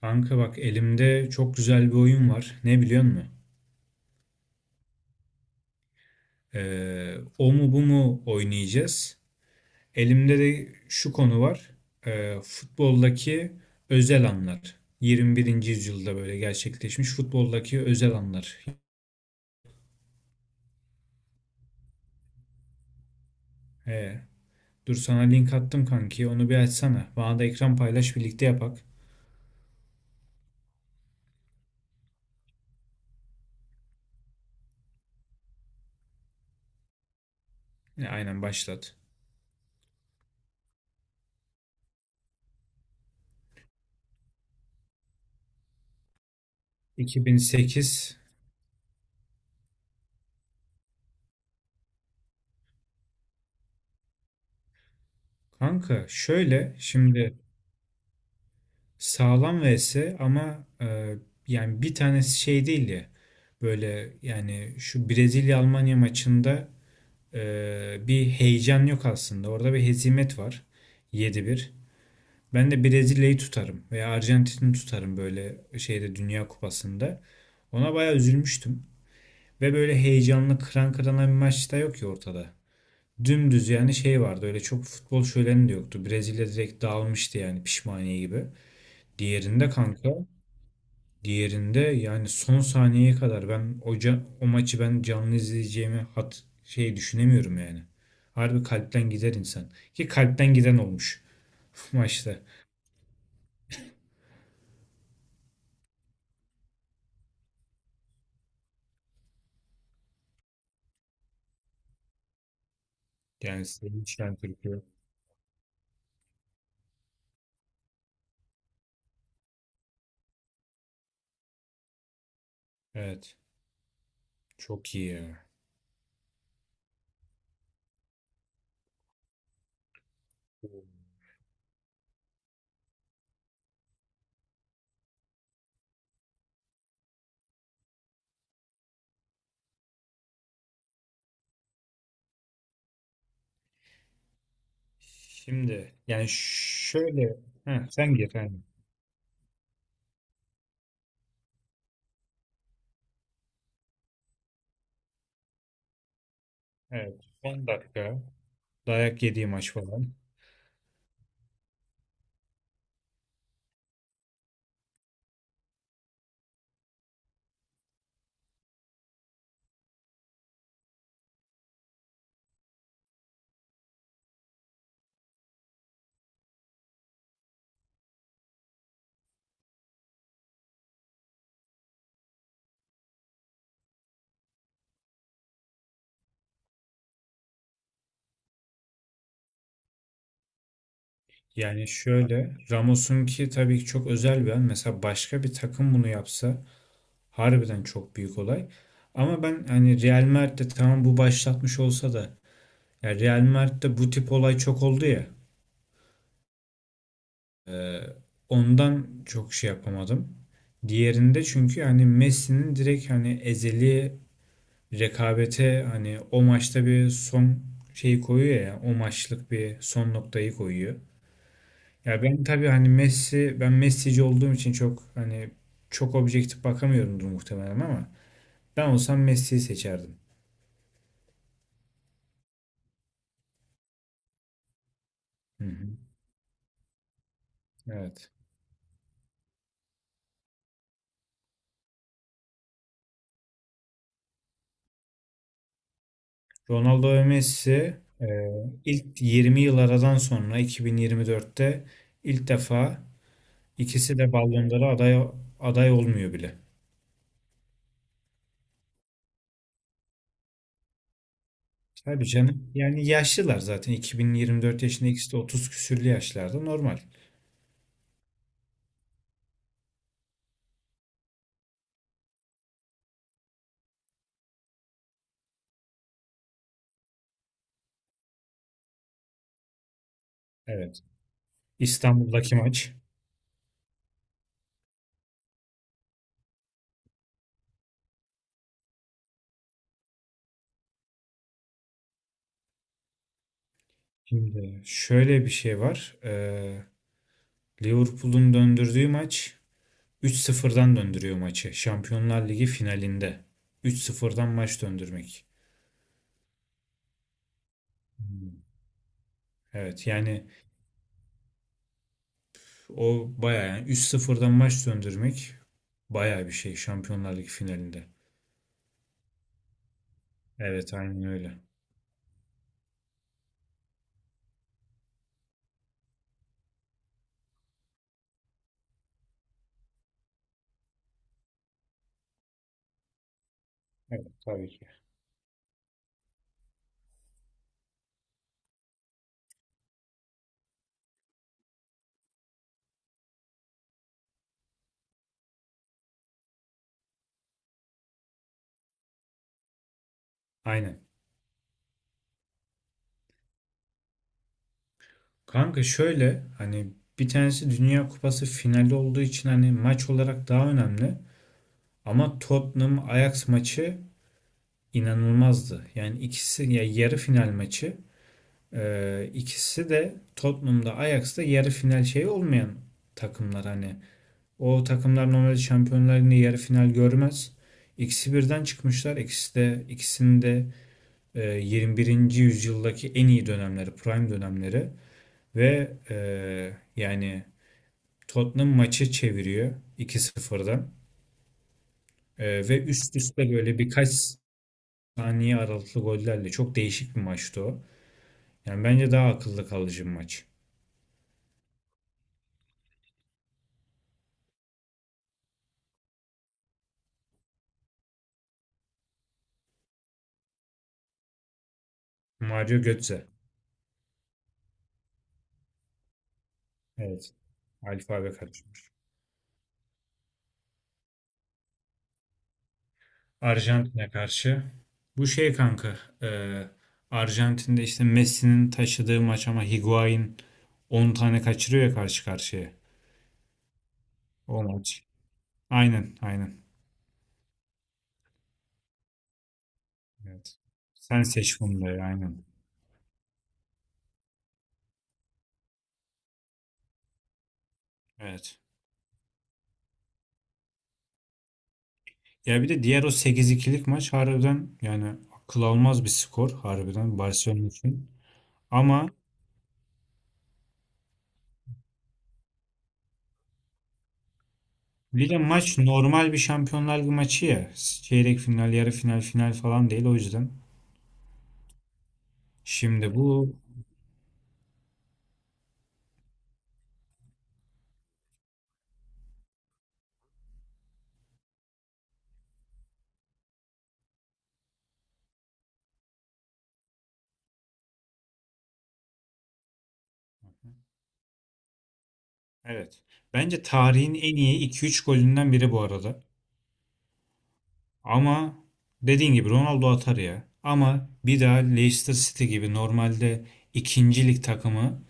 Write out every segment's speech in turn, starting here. Kanka bak elimde çok güzel bir oyun var. Ne biliyor musun? O mu bu mu oynayacağız. Elimde de şu konu var. Futboldaki özel anlar. 21. yüzyılda böyle gerçekleşmiş futboldaki özel anlar. Ee, Dur sana link attım kanki. Onu bir açsana. Bana da ekran paylaş birlikte yapak. Aynen başlat. 2008. Kanka şöyle şimdi. Sağlam vs ama yani bir tanesi şey değil ya böyle yani şu Brezilya Almanya maçında bir heyecan yok aslında. Orada bir hezimet var. 7-1. Ben de Brezilya'yı tutarım veya Arjantin'i tutarım böyle şeyde Dünya Kupası'nda. Ona bayağı üzülmüştüm. Ve böyle heyecanlı kıran kırana bir maç da yok ya ortada. Dümdüz yani şey vardı, öyle çok futbol şöleni de yoktu. Brezilya direkt dağılmıştı yani pişmaniye gibi. Diğerinde kanka. Diğerinde yani son saniyeye kadar o maçı ben canlı izleyeceğimi hat şey düşünemiyorum yani. Harbi kalpten gider insan. Ki kalpten giden olmuş maçta. Yani Sevinç Şentürk'ü. Evet. Çok iyi ya. Şimdi yani şöyle, heh, sen gir. Yani. Evet. Son dakika. Dayak yediği maç falan. Yani şöyle Ramos'un ki tabii ki çok özel bir an. Mesela başka bir takım bunu yapsa harbiden çok büyük olay. Ama ben hani Real Madrid'de tamam bu başlatmış olsa da ya Real Madrid'de bu tip olay çok oldu ya. e, Ondan çok şey yapamadım. Diğerinde çünkü hani Messi'nin direkt hani ezeli rekabete hani o maçta bir son şeyi koyuyor ya, o maçlık bir son noktayı koyuyor. Ya ben tabii hani Messi, ben Messi'ci olduğum için çok hani çok objektif bakamıyorumdur muhtemelen ama ben olsam Messi'yi seçerdim. Hı hı. Evet. Ronaldo ve Messi e, ilk 20 yıl aradan sonra 2024'te ilk defa ikisi de Ballon d'Or'a aday, aday olmuyor bile. Tabii canım. Yani yaşlılar zaten. 2024 yaşında ikisi de 30 küsürlü yaşlarda, normal. Evet. İstanbul'daki maç. Şimdi şöyle bir şey var. Liverpool'un döndürdüğü maç, 3-0'dan döndürüyor maçı. Şampiyonlar Ligi finalinde. 3-0'dan maç döndürmek. Hmm. Evet yani. O bayağı yani 3 sıfırdan maç söndürmek bayağı bir şey Şampiyonlar Ligi finalinde. Evet aynen öyle. Evet tabii ki. Aynen. Kanka şöyle hani bir tanesi Dünya Kupası finali olduğu için hani maç olarak daha önemli. Ama Tottenham Ajax maçı inanılmazdı. Yani ikisi ya yarı final maçı, ikisi de Tottenham'da Ajax'ta yarı final şeyi olmayan takımlar hani. O takımlar normalde Şampiyonlar Ligi'nde yarı final görmez. İkisi birden çıkmışlar. İkisi de, ikisinin de 21. yüzyıldaki en iyi dönemleri, prime dönemleri ve yani Tottenham maçı çeviriyor 2-0'dan. Ve üst üste böyle birkaç saniye aralıklı gollerle çok değişik bir maçtı o. Yani bence daha akılda kalıcı bir maç. Mario Götze. Evet. Alfabe karışmış. Arjantin'e karşı. Bu şey kanka. e, Arjantin'de işte Messi'nin taşıdığı maç ama Higuain 10 tane kaçırıyor ya karşı karşıya. O maç. Aynen. Evet. Sen seç bunları aynen. Evet. Ya bir de diğer o sekiz ikilik maç harbiden yani akıl almaz bir skor harbiden Barcelona için. Ama bir de maç normal bir Şampiyonlar Ligi maçı ya. Çeyrek final, yarı final, final falan değil o yüzden. Şimdi bu. Evet. Bence tarihin en iyi iki üç golünden biri bu arada. Ama dediğin gibi Ronaldo atar ya. Ama bir daha Leicester City gibi normalde ikinci lig takımı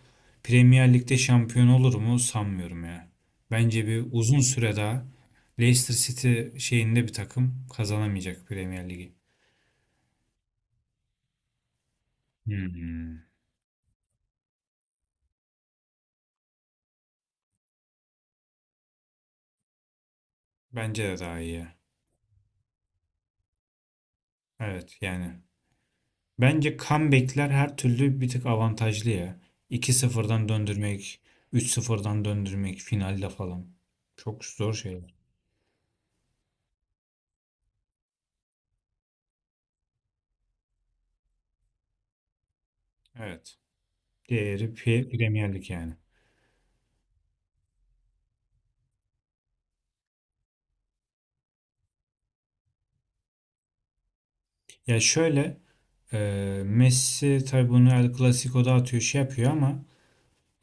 Premier Lig'de şampiyon olur mu sanmıyorum ya. Bence bir uzun süre daha Leicester City şeyinde bir takım kazanamayacak Premier Ligi. Hmm. Bence de daha iyi ya. Evet yani. Bence comeback'ler her türlü bir tık avantajlı ya. İki sıfırdan döndürmek, üç sıfırdan döndürmek finalde falan. Çok zor şeyler. Evet. Diğeri Premier Lig yani. Ya şöyle, e, Messi tabii bunu El Clasico'da atıyor şey yapıyor ama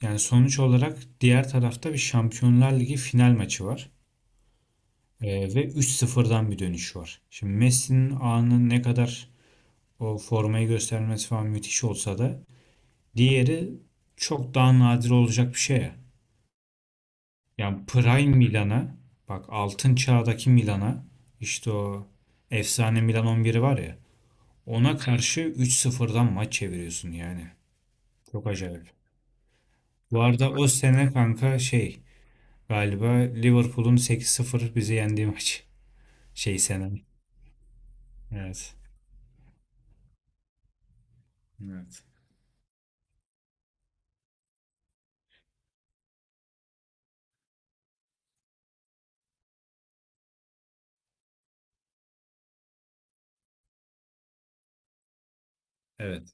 yani sonuç olarak diğer tarafta bir Şampiyonlar Ligi final maçı var. Ve üç sıfırdan bir dönüş var. Şimdi Messi'nin anı ne kadar o formayı göstermesi falan müthiş olsa da diğeri çok daha nadir olacak bir şey ya. Yani Prime Milan'a bak, altın çağdaki Milan'a, işte o efsane Milan 11'i var ya, ona karşı 3-0'dan maç çeviriyorsun yani. Çok acayip. Bu arada o sene kanka şey, galiba Liverpool'un 8-0 bizi yendiği maç. Şey sene. Evet. Evet. Evet.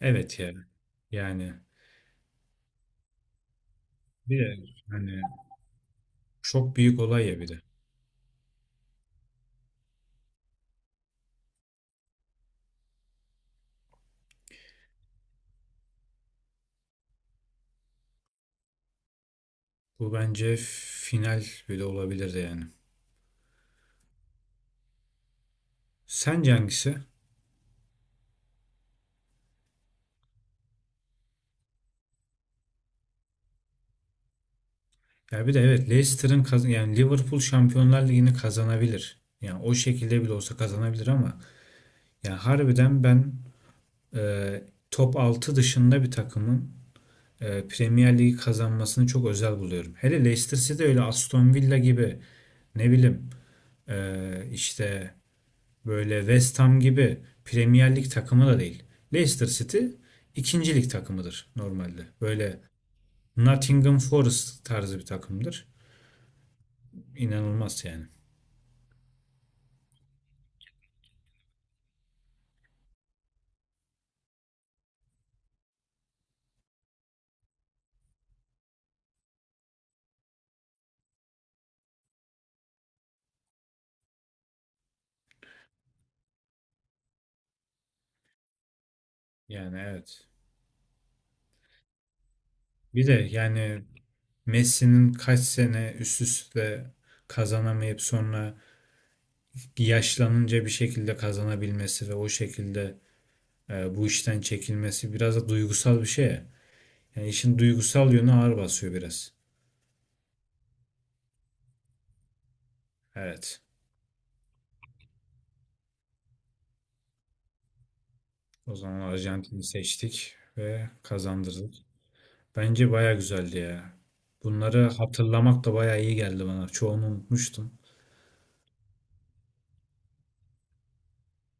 Evet yani. Yani bir de hani çok büyük olay ya bir de. Bu bence final bile olabilirdi yani. Sence hangisi? Ya bir de evet Leicester'ın kazan, yani Liverpool Şampiyonlar Ligi'ni kazanabilir. Yani o şekilde bile olsa kazanabilir ama yani harbiden ben e, top 6 dışında bir takımın Premier Ligi kazanmasını çok özel buluyorum. Hele Leicester City öyle Aston Villa gibi ne bileyim işte böyle West Ham gibi Premier Lig takımı da değil. Leicester City ikinci lig takımıdır normalde. Böyle Nottingham Forest tarzı bir takımdır. İnanılmaz yani. Yani evet. Bir de yani Messi'nin kaç sene üst üste kazanamayıp sonra yaşlanınca bir şekilde kazanabilmesi ve o şekilde bu işten çekilmesi biraz da duygusal bir şey ya. Yani işin duygusal yönü ağır basıyor biraz. Evet. O zaman Arjantin'i seçtik ve kazandırdık. Bence baya güzeldi ya. Bunları hatırlamak da baya iyi geldi bana. Çoğunu unutmuştum.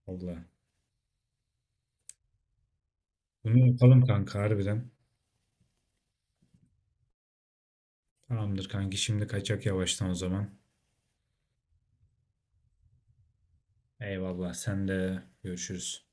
Allah. Bunu yapalım kanka harbiden. Tamamdır kanki, şimdi kaçak yavaştan o zaman. Eyvallah, sen de görüşürüz.